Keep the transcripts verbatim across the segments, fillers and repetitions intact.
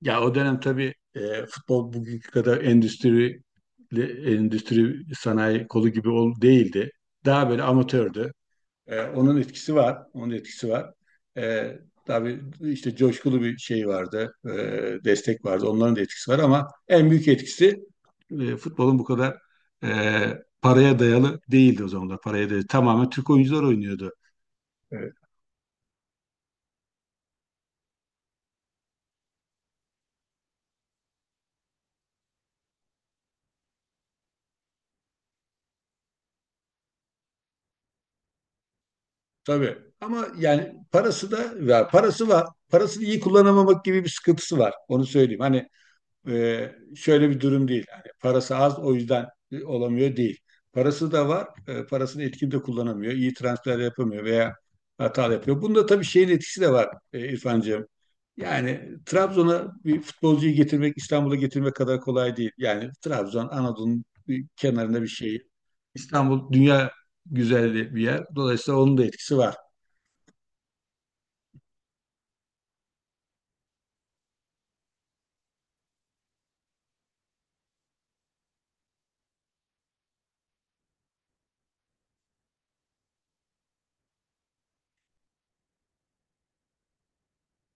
Ya o dönem tabii e, futbol bugünkü kadar endüstri endüstri sanayi kolu gibi ol, değildi. Daha böyle amatördü. E, onun etkisi var. Onun etkisi var. E, tabii işte coşkulu bir şey vardı. E, destek vardı. Onların da etkisi var ama en büyük etkisi e, futbolun bu kadar e, paraya dayalı değildi o zamanlar. Paraya dayalı. Tamamen Türk oyuncular oynuyordu. Tabii. Ama yani parası da, ya parası var. Parasını iyi kullanamamak gibi bir sıkıntısı var. Onu söyleyeyim. Hani e, şöyle bir durum değil. Hani parası az, o yüzden e, olamıyor değil. Parası da var. e, parasını etkin de kullanamıyor. İyi transfer yapamıyor veya hata yapıyor. Bunda tabii şeyin etkisi de var e, İrfancığım. Yani Trabzon'a bir futbolcuyu getirmek İstanbul'a getirmek kadar kolay değil. Yani Trabzon Anadolu'nun bir kenarında bir şey. İstanbul dünya güzelliği bir yer. Dolayısıyla onun da etkisi var.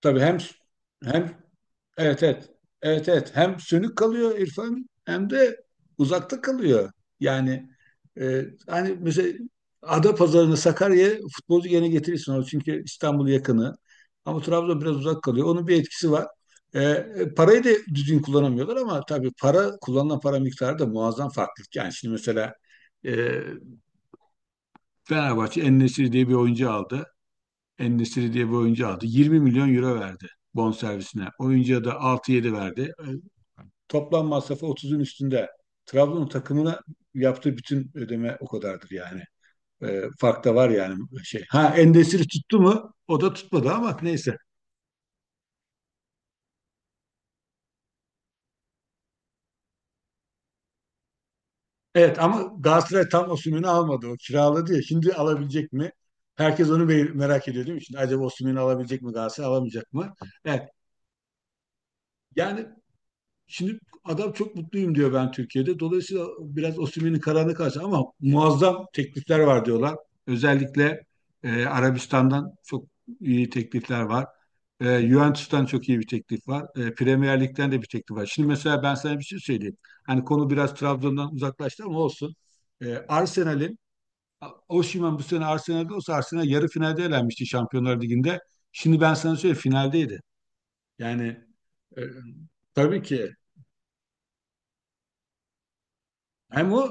Tabii, hem hem evet, evet, evet, evet, hem sönük kalıyor İrfan, hem de uzakta kalıyor. Yani e, hani mesela Adapazarı'nı, Sakarya'ya futbolcu gene getirirsin, o çünkü İstanbul yakını, ama Trabzon biraz uzak kalıyor. Onun bir etkisi var. E, e, parayı da düzgün kullanamıyorlar, ama tabii para, kullanılan para miktarı da muazzam farklılık. Yani şimdi mesela e, Fenerbahçe en diye bir oyuncu aldı. En-Nesyri diye bir oyuncu aldı. yirmi milyon euro verdi bonservisine. Oyuncuya da altı yedi verdi. E, Toplam masrafı otuzun üstünde. Trabzon takımına yaptığı bütün ödeme o kadardır yani. E, fark da var yani şey. Ha, Endesiri tuttu mu? O da tutmadı ama neyse. Evet ama Galatasaray tam Osimhen'i almadı. O kiraladı ya. Şimdi alabilecek mi? Herkes onu merak ediyor değil mi? Şimdi acaba Osimhen'i alabilecek mi, Galatasaray alamayacak mı? Evet. Yani şimdi adam çok mutluyum diyor, ben Türkiye'de. Dolayısıyla biraz Osimhen'in kararına karşı, ama muazzam teklifler var diyorlar. Özellikle e, Arabistan'dan çok iyi teklifler var. E, Juventus'tan çok iyi bir teklif var. E, Premier Lig'den de bir teklif var. Şimdi mesela ben sana bir şey söyleyeyim. Hani konu biraz Trabzon'dan uzaklaştı ama olsun. E, Arsenal'in, Osimhen bu sene Arsenal'de olsa Arsenal yarı finalde elenmişti Şampiyonlar Ligi'nde. Şimdi ben sana söyleyeyim, finaldeydi. Yani e, tabii ki, hem o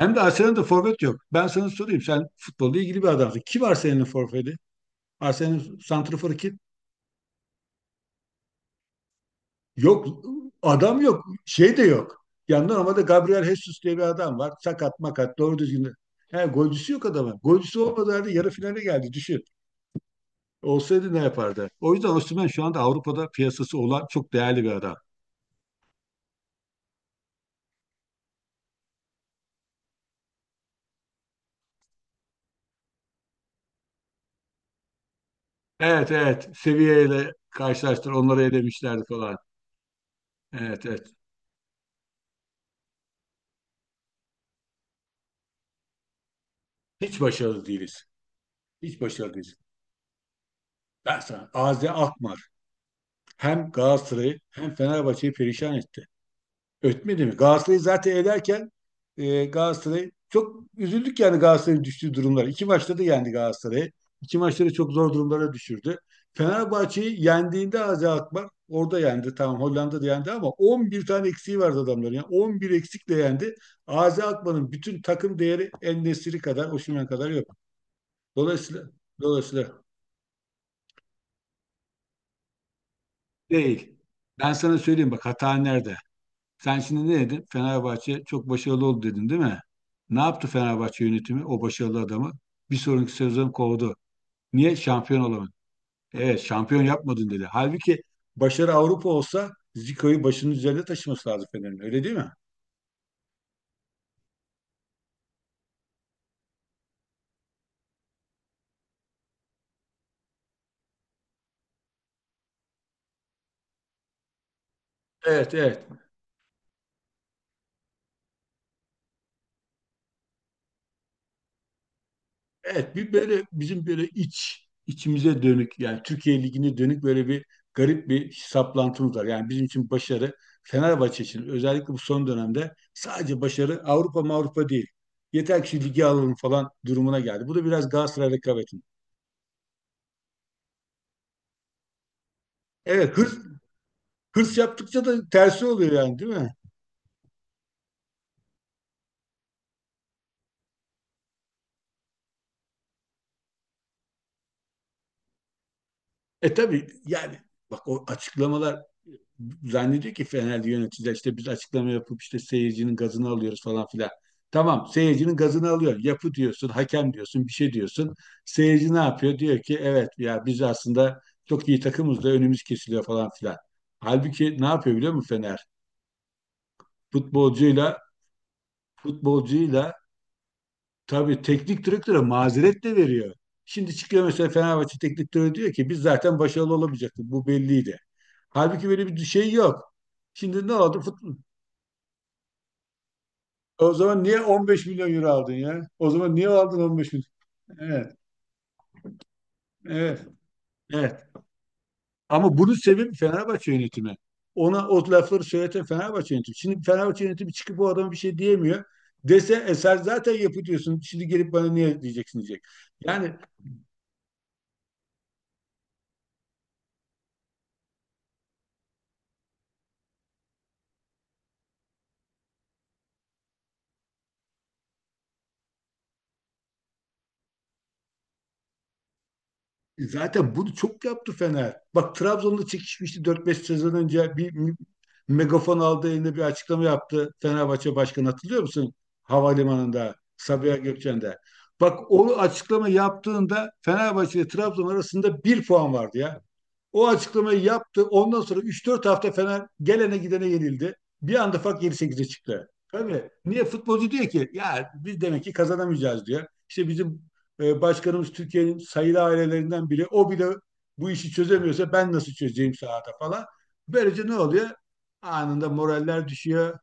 hem de Arsenal'da forvet yok. Ben sana sorayım. Sen futbolla ilgili bir adamsın. Kim Arsenal'in forveti? Arsenal'in santraforu kim? Yok. Adam yok. Şey de yok. Yani normalde Gabriel Jesus diye bir adam var. Sakat makat. Doğru düzgün. de- He, golcüsü yok adamın. Golcüsü olmadığı halde yarı finale geldi. Düşün. Olsaydı ne yapardı? O yüzden Osimhen şu anda Avrupa'da piyasası olan çok değerli bir adam. Evet, evet. Seviyeyle karşılaştır. Onları elemişlerdi falan. Evet, evet. Hiç başarılı değiliz. Hiç başarılı değiliz. Ben sana ağzı akma. Hem Galatasaray'ı hem Fenerbahçe'yi perişan etti. Ötmedi mi? Galatasaray'ı zaten ederken e, Galatasaray, çok üzüldük yani Galatasaray'ın düştüğü durumlar. İki maçta da yendi Galatasaray'ı. İki maçta da çok zor durumlara düşürdü. Fenerbahçe'yi yendiğinde Azi Akbar orada yendi. Tamam, Hollanda'da yendi ama on bir tane eksiği vardı adamların. Yani on bir eksikle yendi. Azi Akbar'ın bütün takım değeri En-Nesyri kadar, Osimhen kadar yok. Dolayısıyla dolayısıyla değil. Ben sana söyleyeyim bak, hata nerede? Sen şimdi ne dedin? Fenerbahçe çok başarılı oldu dedin değil mi? Ne yaptı Fenerbahçe yönetimi o başarılı adamı? Bir sonraki sezon kovdu. Niye? Şampiyon olamadın. Evet, şampiyon yapmadın dedi. Halbuki başarı Avrupa olsa Zico'yu başının üzerinde taşıması lazım Fener'in, öyle değil mi? Evet, evet. Evet, bir böyle bizim böyle iç, içimize dönük yani Türkiye Ligi'ne dönük böyle bir garip bir saplantımız var. Yani bizim için başarı, Fenerbahçe için özellikle bu son dönemde, sadece başarı Avrupa, Avrupa değil. Yeter ki şu ligi alalım falan durumuna geldi. Bu da biraz Galatasaray rekabeti. Evet, hırs, hırs yaptıkça da tersi oluyor yani değil mi? E tabii yani, bak o açıklamalar, zannediyor ki Fenerli yöneticiler işte biz açıklama yapıp işte seyircinin gazını alıyoruz falan filan. Tamam, seyircinin gazını alıyor. Yapı diyorsun, hakem diyorsun, bir şey diyorsun. Seyirci ne yapıyor? Diyor ki evet ya, biz aslında çok iyi takımız da önümüz kesiliyor falan filan. Halbuki ne yapıyor biliyor musun Fener? Futbolcuyla futbolcuyla, tabii teknik direktöre mazeret de veriyor. Şimdi çıkıyor mesela, Fenerbahçe teknik direktörü diyor ki biz zaten başarılı olamayacaktık. Bu belliydi. Halbuki böyle bir şey yok. Şimdi ne oldu? Fut- O zaman niye on beş milyon euro aldın ya? O zaman niye aldın on beş milyon? Evet, evet, evet. Ama bunun sebebi Fenerbahçe yönetimi. Ona o lafları söyleten Fenerbahçe yönetimi. Şimdi Fenerbahçe yönetimi çıkıp bu adama bir şey diyemiyor. Dese e sen zaten yapıyorsun. Şimdi gelip bana niye diyeceksin diyecek. Yani E, zaten bunu çok yaptı Fener. Bak, Trabzon'da çekişmişti dört beş sezon önce bir m- megafon aldı eline, bir açıklama yaptı Fenerbahçe Başkanı, hatırlıyor musun? Havalimanında, Sabiha Gökçen'de. Bak, o açıklama yaptığında Fenerbahçe ile Trabzon arasında bir puan vardı ya. O açıklamayı yaptı. Ondan sonra üç dört hafta Fener gelene gidene yenildi. Bir anda fark yedi sekize çıktı. Tabii. Niye? Futbolcu diyor ki ya biz demek ki kazanamayacağız diyor. İşte bizim e, başkanımız Türkiye'nin sayılı ailelerinden biri. O bile bu işi çözemiyorsa ben nasıl çözeceğim sahada falan. Böylece ne oluyor? Anında moraller düşüyor.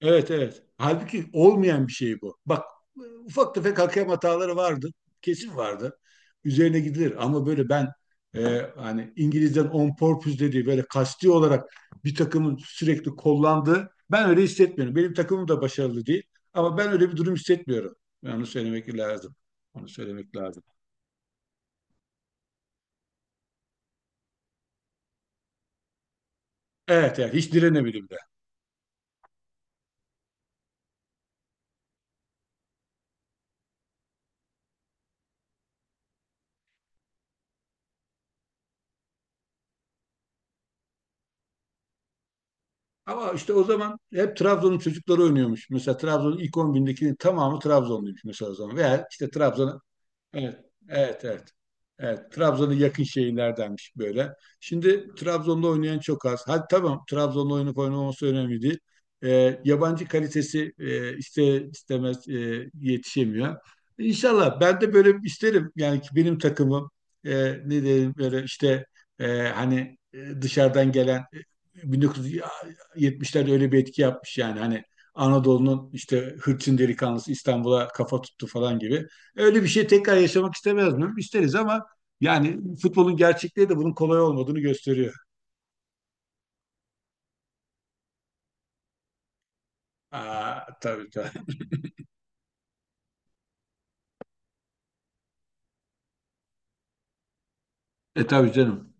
Evet, evet. Halbuki olmayan bir şey bu. Bak, ufak tefek hakem hataları vardı. Kesin vardı. Üzerine gidilir, ama böyle ben e, hani İngiliz'den on purpose dediği böyle kasti olarak bir takımın sürekli kollandığı, ben öyle hissetmiyorum. Benim takımım da başarılı değil ama ben öyle bir durum hissetmiyorum. Yani onu söylemek lazım. Onu söylemek lazım. Evet, evet, hiç direnemedim de. Ama işte o zaman hep Trabzon'un çocukları oynuyormuş. Mesela Trabzon'un ilk on bindekinin tamamı Trabzonluymuş mesela o zaman. Veya işte Trabzon'a, Evet, evet, evet. Evet, Trabzon'a yakın şehirlerdenmiş böyle. Şimdi Trabzon'da oynayan çok az. Hadi tamam, Trabzon'da oynayıp oynamaması önemli değil. Ee, yabancı kalitesi e, iste istemez e, yetişemiyor. İnşallah ben de böyle isterim. Yani ki benim takımım, e, ne diyeyim böyle işte, e, hani e, dışarıdan gelen, e, bin dokuz yüz yetmişlerde öyle bir etki yapmış yani hani, Anadolu'nun işte hırçın delikanlısı İstanbul'a kafa tuttu falan gibi. Öyle bir şey tekrar yaşamak istemez miyim? İsteriz ama yani futbolun gerçekliği de bunun kolay olmadığını gösteriyor. Aa, tabii, tabii. E, tabii canım.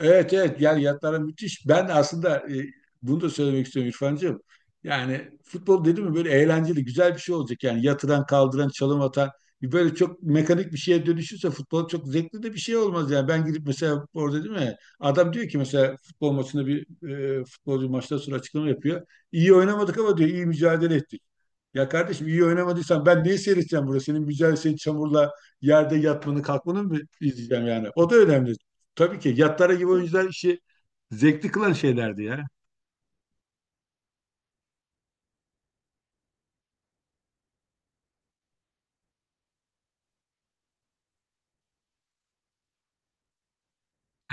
Evet, evet, yani yatlara müthiş. Ben aslında e, bunu da söylemek istiyorum İrfancığım. Yani futbol dedim mi böyle eğlenceli, güzel bir şey olacak. Yani yatıran kaldıran çalım atan, böyle çok mekanik bir şeye dönüşürse futbol çok zevkli de bir şey olmaz yani. Ben gidip mesela, orada değil mi? Adam diyor ki mesela, futbol maçında bir e, futbolcu maçtan sonra açıklama yapıyor. İyi oynamadık ama diyor iyi mücadele ettik. Ya kardeşim, iyi oynamadıysan ben neyi seyredeceğim burada? Senin mücadele, senin çamurla yerde yatmanı kalkmanı mı izleyeceğim yani? O da önemli. Tabii ki, yatlara gibi oyuncular işi zevkli kılan şeylerdi ya.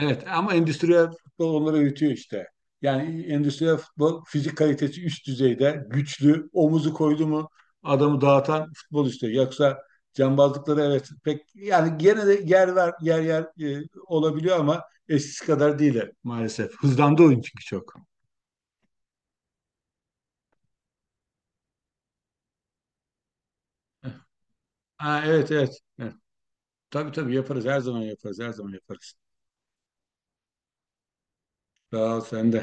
Evet, ama endüstriyel futbol onları öğütüyor işte. Yani endüstriyel futbol, fizik kalitesi üst düzeyde, güçlü, omuzu koydu mu adamı dağıtan futbol işte. Yoksa cambazlıkları, evet pek yani gene de yer ver yer yer e, olabiliyor ama eskisi kadar değil maalesef. Hızlandı oyun çünkü çok. Ha, evet, evet, evet. Tabii, tabii, yaparız her zaman, yaparız her zaman, yaparız. Sağ ol, sen de.